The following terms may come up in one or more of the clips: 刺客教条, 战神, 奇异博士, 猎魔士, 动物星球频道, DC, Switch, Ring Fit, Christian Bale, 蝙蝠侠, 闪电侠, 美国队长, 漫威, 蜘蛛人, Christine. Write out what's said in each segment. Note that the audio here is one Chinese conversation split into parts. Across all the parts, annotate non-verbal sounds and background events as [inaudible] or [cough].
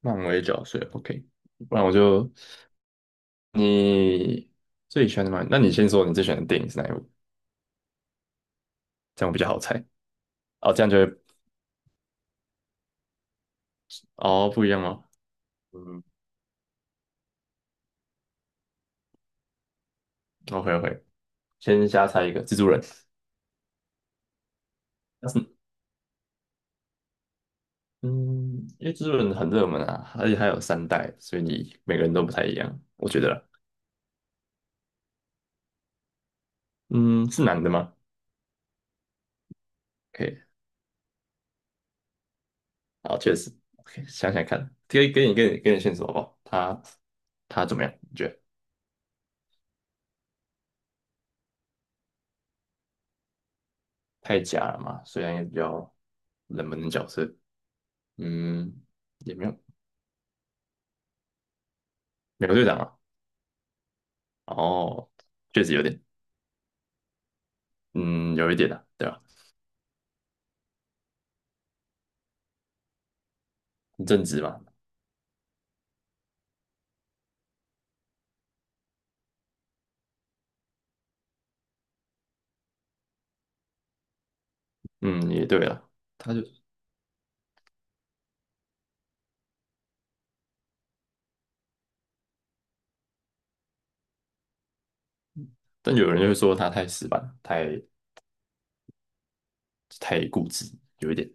漫威角色，OK。不然我就你最喜欢的漫，那你先说你最喜欢的电影是哪一部，这样我比较好猜。哦，这样就会哦不一样哦。嗯，OK OK，先瞎猜一个蜘蛛人。但是嗯，因为蜘蛛人很热门啊，而且它有三代，所以你每个人都不太一样，我觉得啦。嗯，是男的吗？OK，好，确实，OK，想想看，给你线索好不好？他怎么样？你觉得太假了嘛？虽然也比较冷门的角色。嗯，也没有。美国队长啊，哦，确实有点。嗯，有一点啊，对吧？很正直嘛。嗯，也对啊。他就，但有人就会说他太死板，太固执，有一点。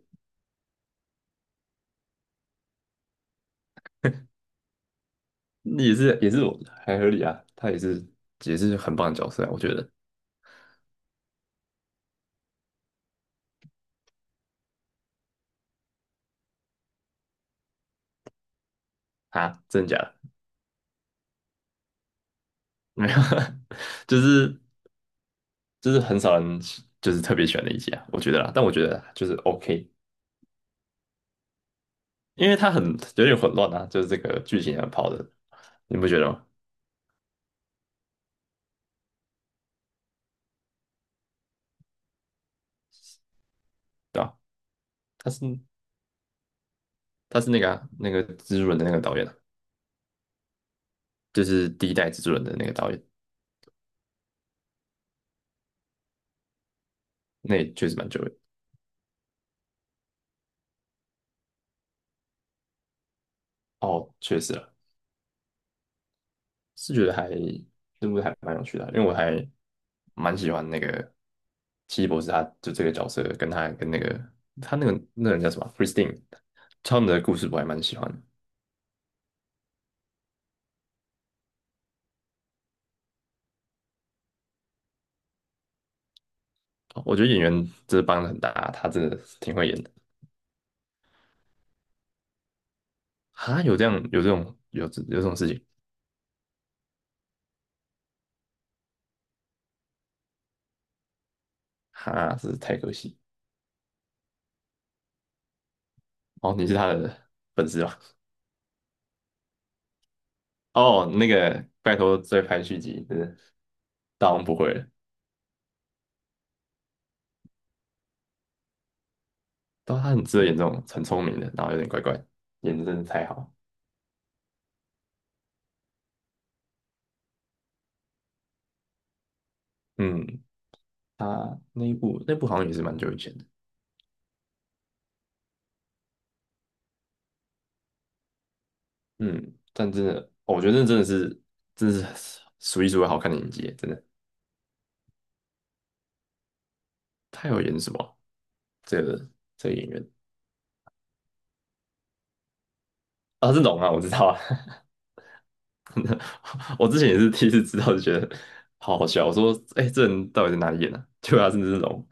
也是我还合理啊，他也是很棒的角色啊，我觉得。啊，真的假的？[laughs] 没有，[laughs] 就是就是很少人就是特别喜欢的一集啊，我觉得啦，但我觉得就是 OK。因为他很有点混乱啊，就是这个剧情啊跑的，你不觉得吗？对吧？他是他是那个啊，那个蜘蛛人的那个导演啊，就是第一代蜘蛛人的那个导演。那也确实蛮久的。哦，确实了。是觉得还这部还蛮有趣的啊，因为我还蛮喜欢那个奇异博士，他就这个角色跟他跟那个他那个人叫什么啊， Christine。他们的故事我还蛮喜欢的。哦，我觉得演员真的帮的很大啊，他真的挺会演的。哈，有这样有这种有这有这种事情。哈，真是太可惜。哦，你是他的粉丝吧？哦，那个拜托再拍续集，真的大王不会了。但他很值得演这种很聪明的，然后有点怪怪，演的真的太好。嗯，他那一部那部好像也是蛮久以前的。嗯，但真的，哦我觉得那真的是数一数二好看的演技，真的。他有演什么啊，这个这个演员？啊，是龙啊，我知道啊。[laughs] 我之前也是第一次知道，就觉得好好笑。我说，哎、这人到底在哪里演的、啊？结果他真的是龙。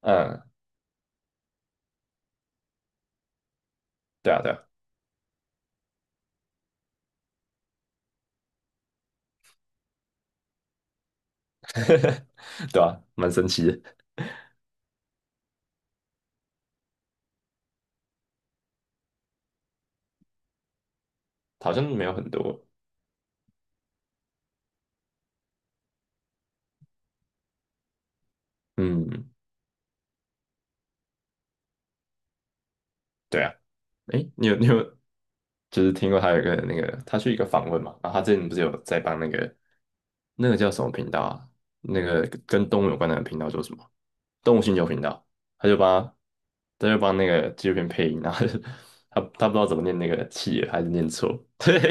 [laughs] 嗯，对啊,对啊。[laughs] 对啊，蛮神奇的。好像没有很多。嗯，对啊，诶，你有就是听过他有一个那个，他去一个访问嘛，然后他之前不是有在帮那个那个叫什么频道啊？那个跟动物有关的频道叫什么？动物星球频道。他就帮他就帮那个纪录片配音，然后他就 [laughs] 他不知道怎么念那个企鹅，还是念错，[laughs] 对，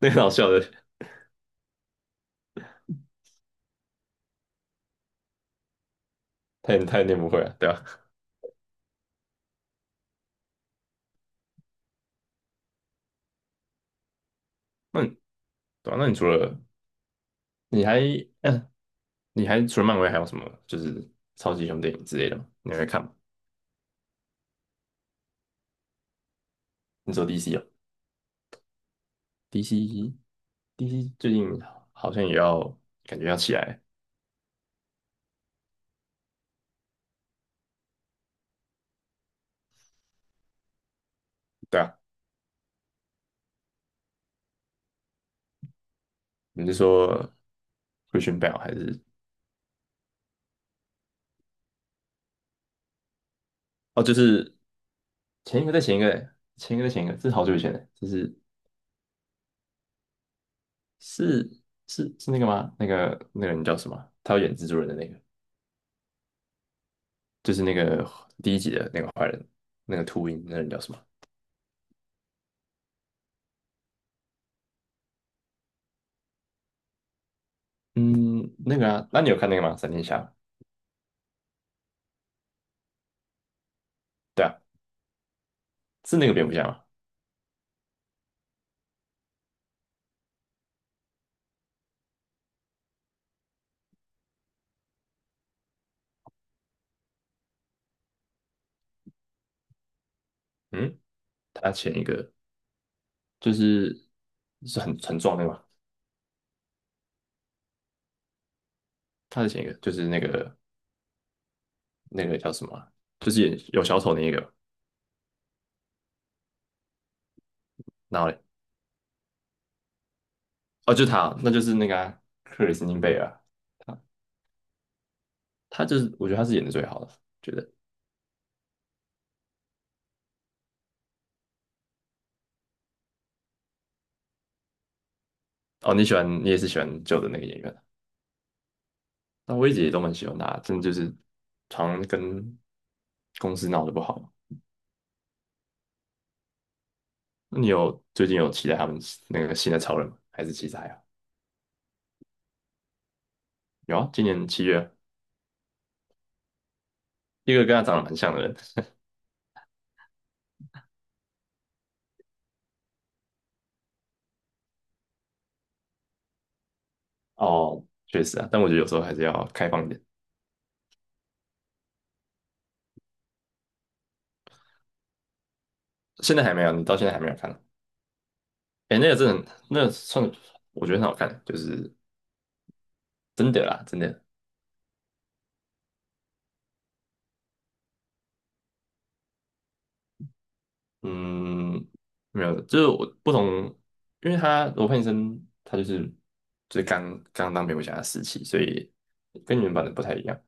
那个很好笑的。他也念不会啊，对吧、啊。那你对啊，那你除了你还，嗯？你还除了漫威还有什么就是超级英雄电影之类的吗？你会看吗？你说 DC 哦，DC DC 最近好像也要感觉要起来。对啊，你是说 Christian Bale 还是？哦？就是前一个再前一个嘞。前一个再前一个，这是好久以前的，就是是是那个吗？那个那个人叫什么？他要演蜘蛛人的那个，就是那个第一集的那个坏人，那个秃鹰，那个人叫什么？嗯，那个啊，那你有看那个吗？闪电侠？对啊，是那个蝙蝠侠吗？嗯，他前一个就是是很很壮那个嘛。他的前一个就是那个那个叫什么啊，就是演有小丑那一个，然后嘞？哦，就是他哦，那就是那个啊克里斯汀贝尔啊。他他就是我觉得他是演的最好的，觉得。哦，你喜欢你也是喜欢旧的那个演员啊。那我一直也都蛮喜欢他，真的就是常常跟公司闹得不好。那你有最近有期待他们那个新的超人吗？还是期待啊？有啊，今年7月啊，一个跟他长得蛮像的人。哦，确实啊，但我觉得有时候还是要开放一点。现在还没有，你到现在还没有看。哎，那个真的很那个算我觉得很好看，就是真的啦，真的。嗯，没有，就是我不同，因为他罗汉医生他就是就是刚刚当蝙蝠侠的时期，所以跟原版的不太一样。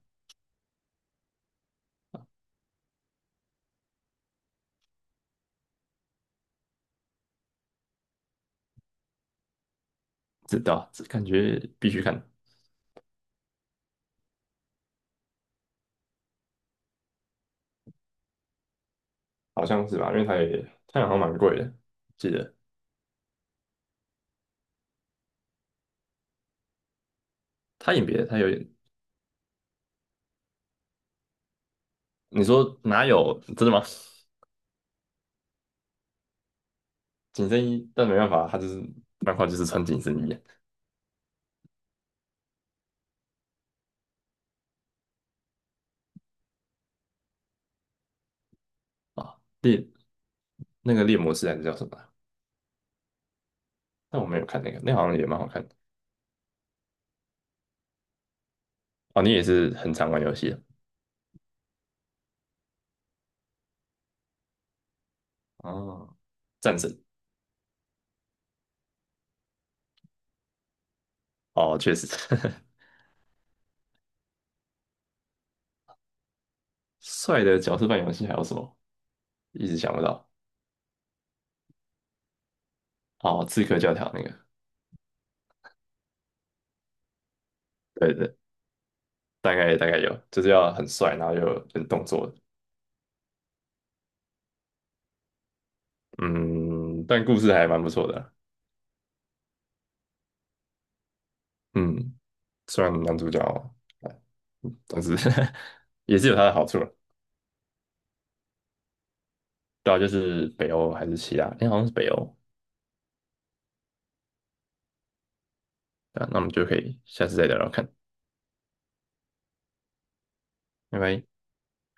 知道，这感觉必须看。好像是吧？因为他也他好像蛮贵的，记得。他演别的，他有演，你说哪有真的吗？[laughs] 紧身衣，但没办法，他就是漫画就是穿紧身衣。啊。猎，那个猎魔士还是叫什么啊，但我没有看那个，那好像也蛮好看的。哦，你也是很常玩游戏的。哦，战神。哦，确实。[laughs] 帅的角色扮演游戏还有什么？一直想不到。哦，刺客教条那个。对对，大概有，就是要很帅，然后又有点动作的。嗯，但故事还蛮不错的啊。嗯，虽然男主角，哎但是 [laughs] 也是有他的好处了。对啊，就是北欧还是希腊，哎，好像是北欧。对啊，那我们就可以下次再聊聊看。拜拜。